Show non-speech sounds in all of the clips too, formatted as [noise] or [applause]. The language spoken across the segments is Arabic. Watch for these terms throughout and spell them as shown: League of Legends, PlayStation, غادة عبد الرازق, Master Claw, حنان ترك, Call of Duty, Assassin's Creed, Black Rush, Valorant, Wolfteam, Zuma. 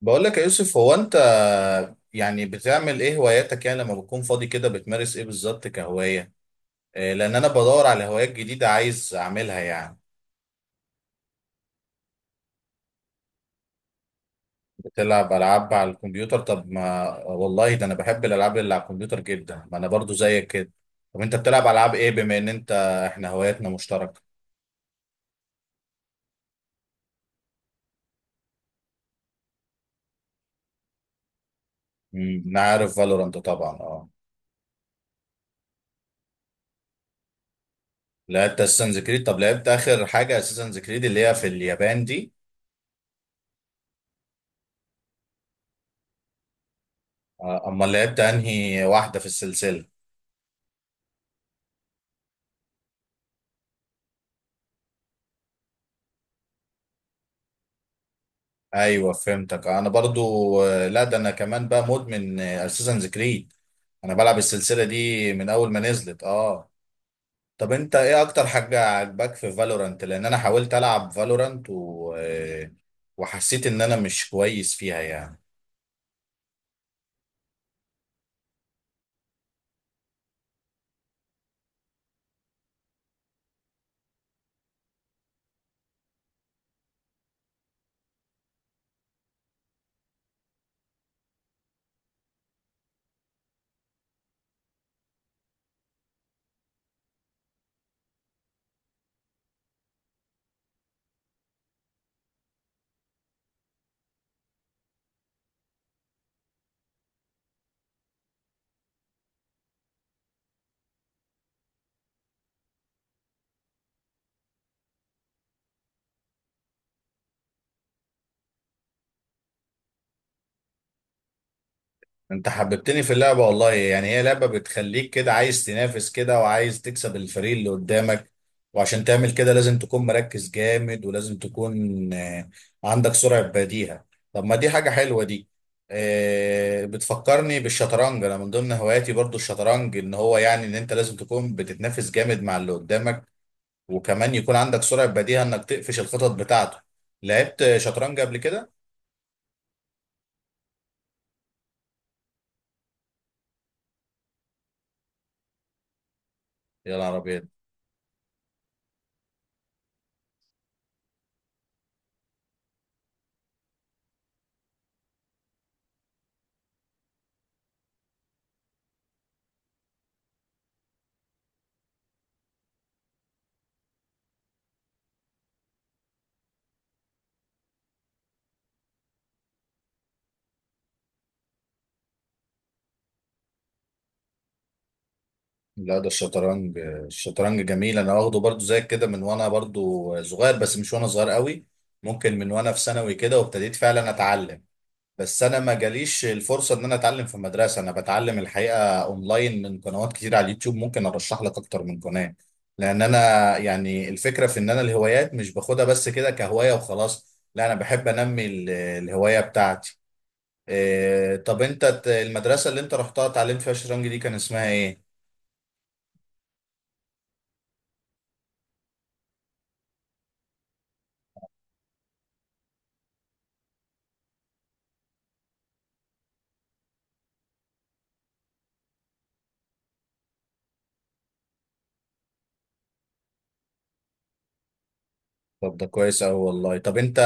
بقول لك يا يوسف، هو انت يعني بتعمل ايه؟ هواياتك يعني لما بتكون فاضي كده بتمارس ايه بالظبط كهواية؟ إيه، لان انا بدور على هوايات جديدة عايز اعملها يعني. بتلعب العاب على الكمبيوتر؟ طب ما والله ده انا بحب الالعاب اللي على الكمبيوتر جدا، ما انا برضو زيك كده. طب انت بتلعب العاب ايه بما ان انت... احنا هواياتنا مشتركة. انا عارف فالورانت طبعا، اه. لعبت اساسنز كريد؟ طب لعبت اخر حاجة اساسنز كريد اللي هي في اليابان دي؟ امال لعبت انهي واحدة في السلسلة؟ ايوه فهمتك انا برضو. لا ده انا كمان بقى مدمن اساسنز كريد. انا بلعب السلسله دي من اول ما نزلت، اه. طب انت ايه اكتر حاجه عجباك في فالورانت؟ لان انا حاولت العب فالورانت و... آه، وحسيت ان انا مش كويس فيها يعني. انت حببتني في اللعبة والله، يعني هي لعبة بتخليك كده عايز تنافس كده وعايز تكسب الفريق اللي قدامك. وعشان تعمل كده لازم تكون مركز جامد، ولازم تكون آه، عندك سرعة بديهة. طب ما دي حاجة حلوة دي. بتفكرني بالشطرنج. انا من ضمن هواياتي برضو الشطرنج، ان هو يعني ان انت لازم تكون بتتنافس جامد مع اللي قدامك، وكمان يكون عندك سرعة بديهة انك تقفش الخطط بتاعته. لعبت شطرنج قبل كده؟ يا نهار أبيض! لا ده الشطرنج، الشطرنج جميل. انا واخده برضو زي كده من وانا برضو صغير، بس مش وانا صغير قوي. ممكن من وانا في ثانوي كده وابتديت فعلا اتعلم. بس انا ما جاليش الفرصة ان انا اتعلم في مدرسة. انا بتعلم الحقيقة اونلاين من قنوات كتير على اليوتيوب، ممكن ارشح لك اكتر من قناة. لان انا يعني الفكرة في ان انا الهوايات مش باخدها بس كده كهواية وخلاص، لا انا بحب انمي الهواية بتاعتي. إيه، طب انت المدرسة اللي انت رحتها اتعلمت فيها الشطرنج دي كان اسمها ايه؟ طب ده كويس أوي والله. طب أنت،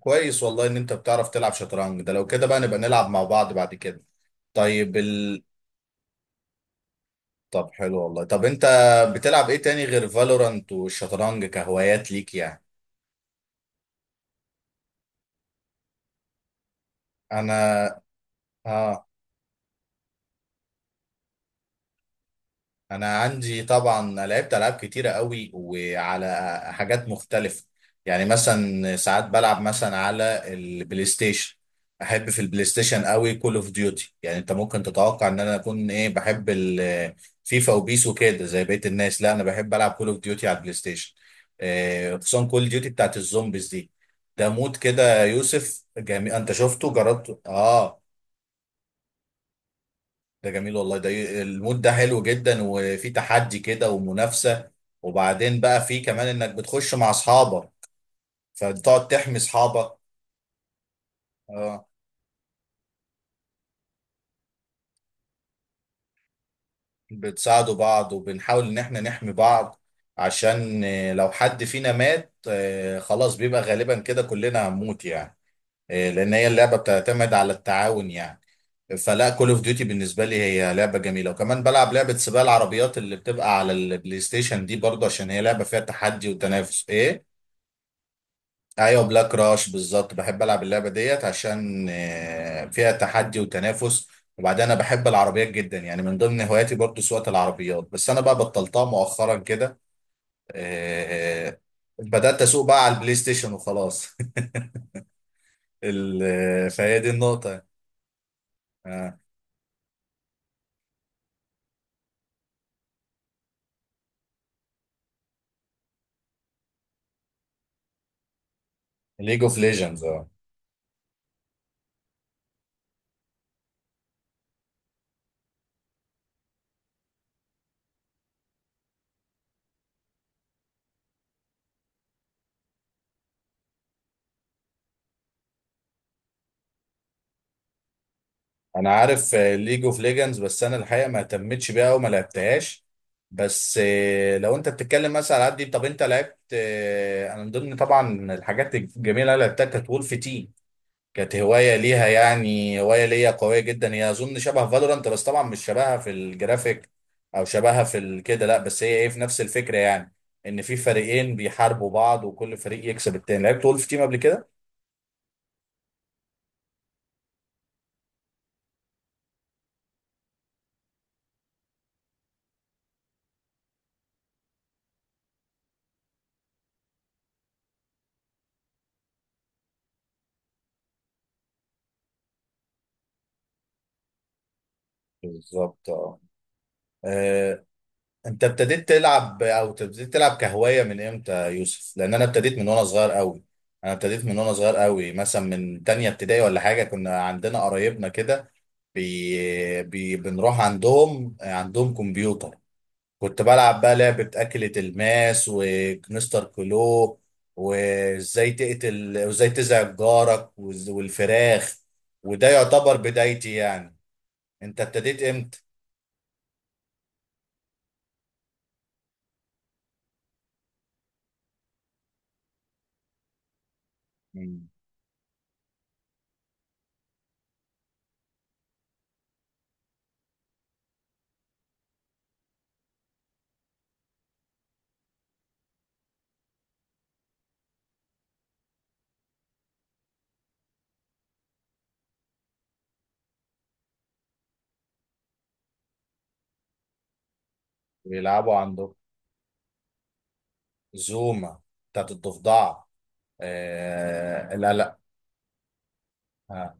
كويس والله إن أنت بتعرف تلعب شطرنج. ده لو كده بقى نبقى نلعب مع بعض بعد كده. طيب طب حلو والله. طب أنت بتلعب إيه تاني غير فالورانت والشطرنج كهوايات ليك يعني؟ أنا؟ آه انا عندي طبعا لعبت العاب كتيره قوي وعلى حاجات مختلفه. يعني مثلا ساعات بلعب مثلا على البلاي ستيشن. احب في البلاي ستيشن قوي كول اوف ديوتي. يعني انت ممكن تتوقع ان انا اكون ايه، بحب الفيفا وبيس وكده زي بقيه الناس، لا انا بحب العب كول اوف ديوتي على البلاي ستيشن. خصوصا كول ديوتي بتاعت الزومبيز دي. ده مود كده يا يوسف جميل، انت شفته جربته؟ اه. ده جميل والله. ده المود ده حلو جدا، وفي تحدي كده ومنافسة. وبعدين بقى في كمان انك بتخش مع اصحابك فبتقعد تحمي اصحابك. اه. بتساعدوا بعض وبنحاول ان احنا نحمي بعض، عشان لو حد فينا مات خلاص بيبقى غالبا كده كلنا هنموت يعني. لان هي اللعبة بتعتمد على التعاون يعني. فلا كول اوف ديوتي بالنسبة لي هي لعبة جميلة. وكمان بلعب لعبة سباق العربيات اللي بتبقى على البلاي ستيشن دي برضه، عشان هي لعبة فيها تحدي وتنافس ايه. ايوه بلاك راش بالظبط. بحب العب اللعبه ديت عشان فيها تحدي وتنافس. وبعدين انا بحب العربيات جدا، يعني من ضمن هواياتي برضو سواقه العربيات، بس انا بقى بطلتها مؤخرا كده. آه، بدات اسوق بقى على البلاي ستيشن وخلاص. [laughs] فهي دي النقطه. ليج اوف ليجندز، انا عارف ليج اوف ليجندز، بس انا الحقيقه ما اهتمتش بيها او ما لعبتهاش. بس لو انت بتتكلم مثلا على دي. طب انت لعبت... انا من ضمن طبعا الحاجات الجميله اللي لعبتها كانت وولف تيم. كانت هوايه ليها يعني هوايه ليا قويه جدا. هي اظن شبه فالورانت، بس طبعا مش شبهها في الجرافيك او شبهها في كده، لا بس هي ايه في نفس الفكره يعني. ان في فريقين بيحاربوا بعض وكل فريق يكسب التاني. لعبت وولف تيم قبل كده؟ بالظبط. اه. انت ابتديت تلعب او ابتديت تلعب كهوايه من امتى يا يوسف؟ لان انا ابتديت من وانا صغير قوي. انا ابتديت من وانا صغير قوي، مثلا من تانية ابتدائي ولا حاجه. كنا عندنا قرايبنا كده، بنروح عندهم كمبيوتر. كنت بلعب بقى لعبه اكله الماس ومستر كلو، وازاي تقتل وازاي تزعج جارك والفراخ. وده يعتبر بدايتي يعني. انت ابتديت امتى؟ مم. بيلعبوا عندهم. زوما؟ بتاعت الضفدعة؟ آه، لا لا. آه.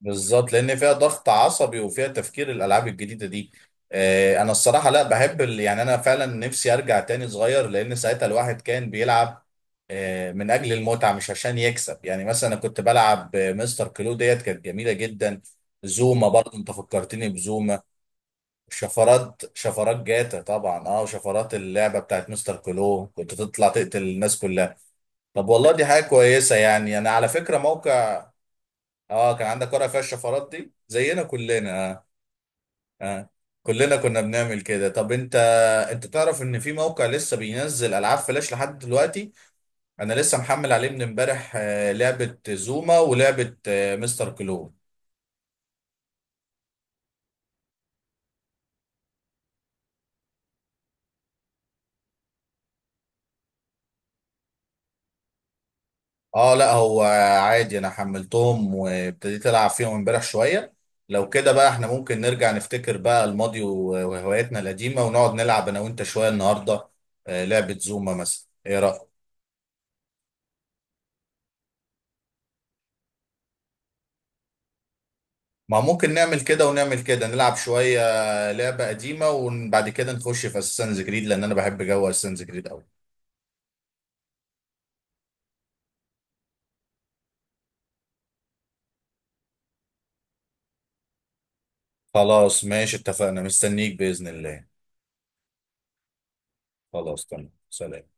بالظبط، لأن فيها ضغط عصبي وفيها تفكير الألعاب الجديدة دي. أنا الصراحة لا بحب يعني أنا فعلا نفسي أرجع تاني صغير، لأن ساعتها الواحد كان بيلعب من أجل المتعة مش عشان يكسب. يعني مثلا أنا كنت بلعب، مستر كلو ديت كانت جميلة جدا. زوما برضه، أنت فكرتني بزوما. شفرات، شفرات جاتا طبعا اه، وشفرات اللعبة بتاعت مستر كلو كنت تطلع تقتل الناس كلها. طب والله دي حاجة كويسة. يعني أنا على فكرة موقع... كان عندك ورقة فيها الشفرات دي زينا كلنا؟ آه. آه، كلنا كنا بنعمل كده. طب أنت تعرف إن في موقع لسه بينزل ألعاب فلاش لحد دلوقتي؟ أنا لسه محمل عليه من إمبارح لعبة زوما ولعبة مستر كلون. اه لا، هو عادي، انا حملتهم وابتديت العب فيهم امبارح شويه. لو كده بقى احنا ممكن نرجع نفتكر بقى الماضي وهواياتنا القديمه ونقعد نلعب انا وانت شويه النهارده. لعبه زوما مثلا، ايه رايك؟ ما ممكن نعمل كده، ونعمل كده نلعب شويه لعبه قديمه، وبعد كده نخش في اساسنز جريد لان انا بحب جو اساسنز جريد قوي. خلاص ماشي، اتفقنا، مستنيك باذن الله. خلاص تمام، سلام.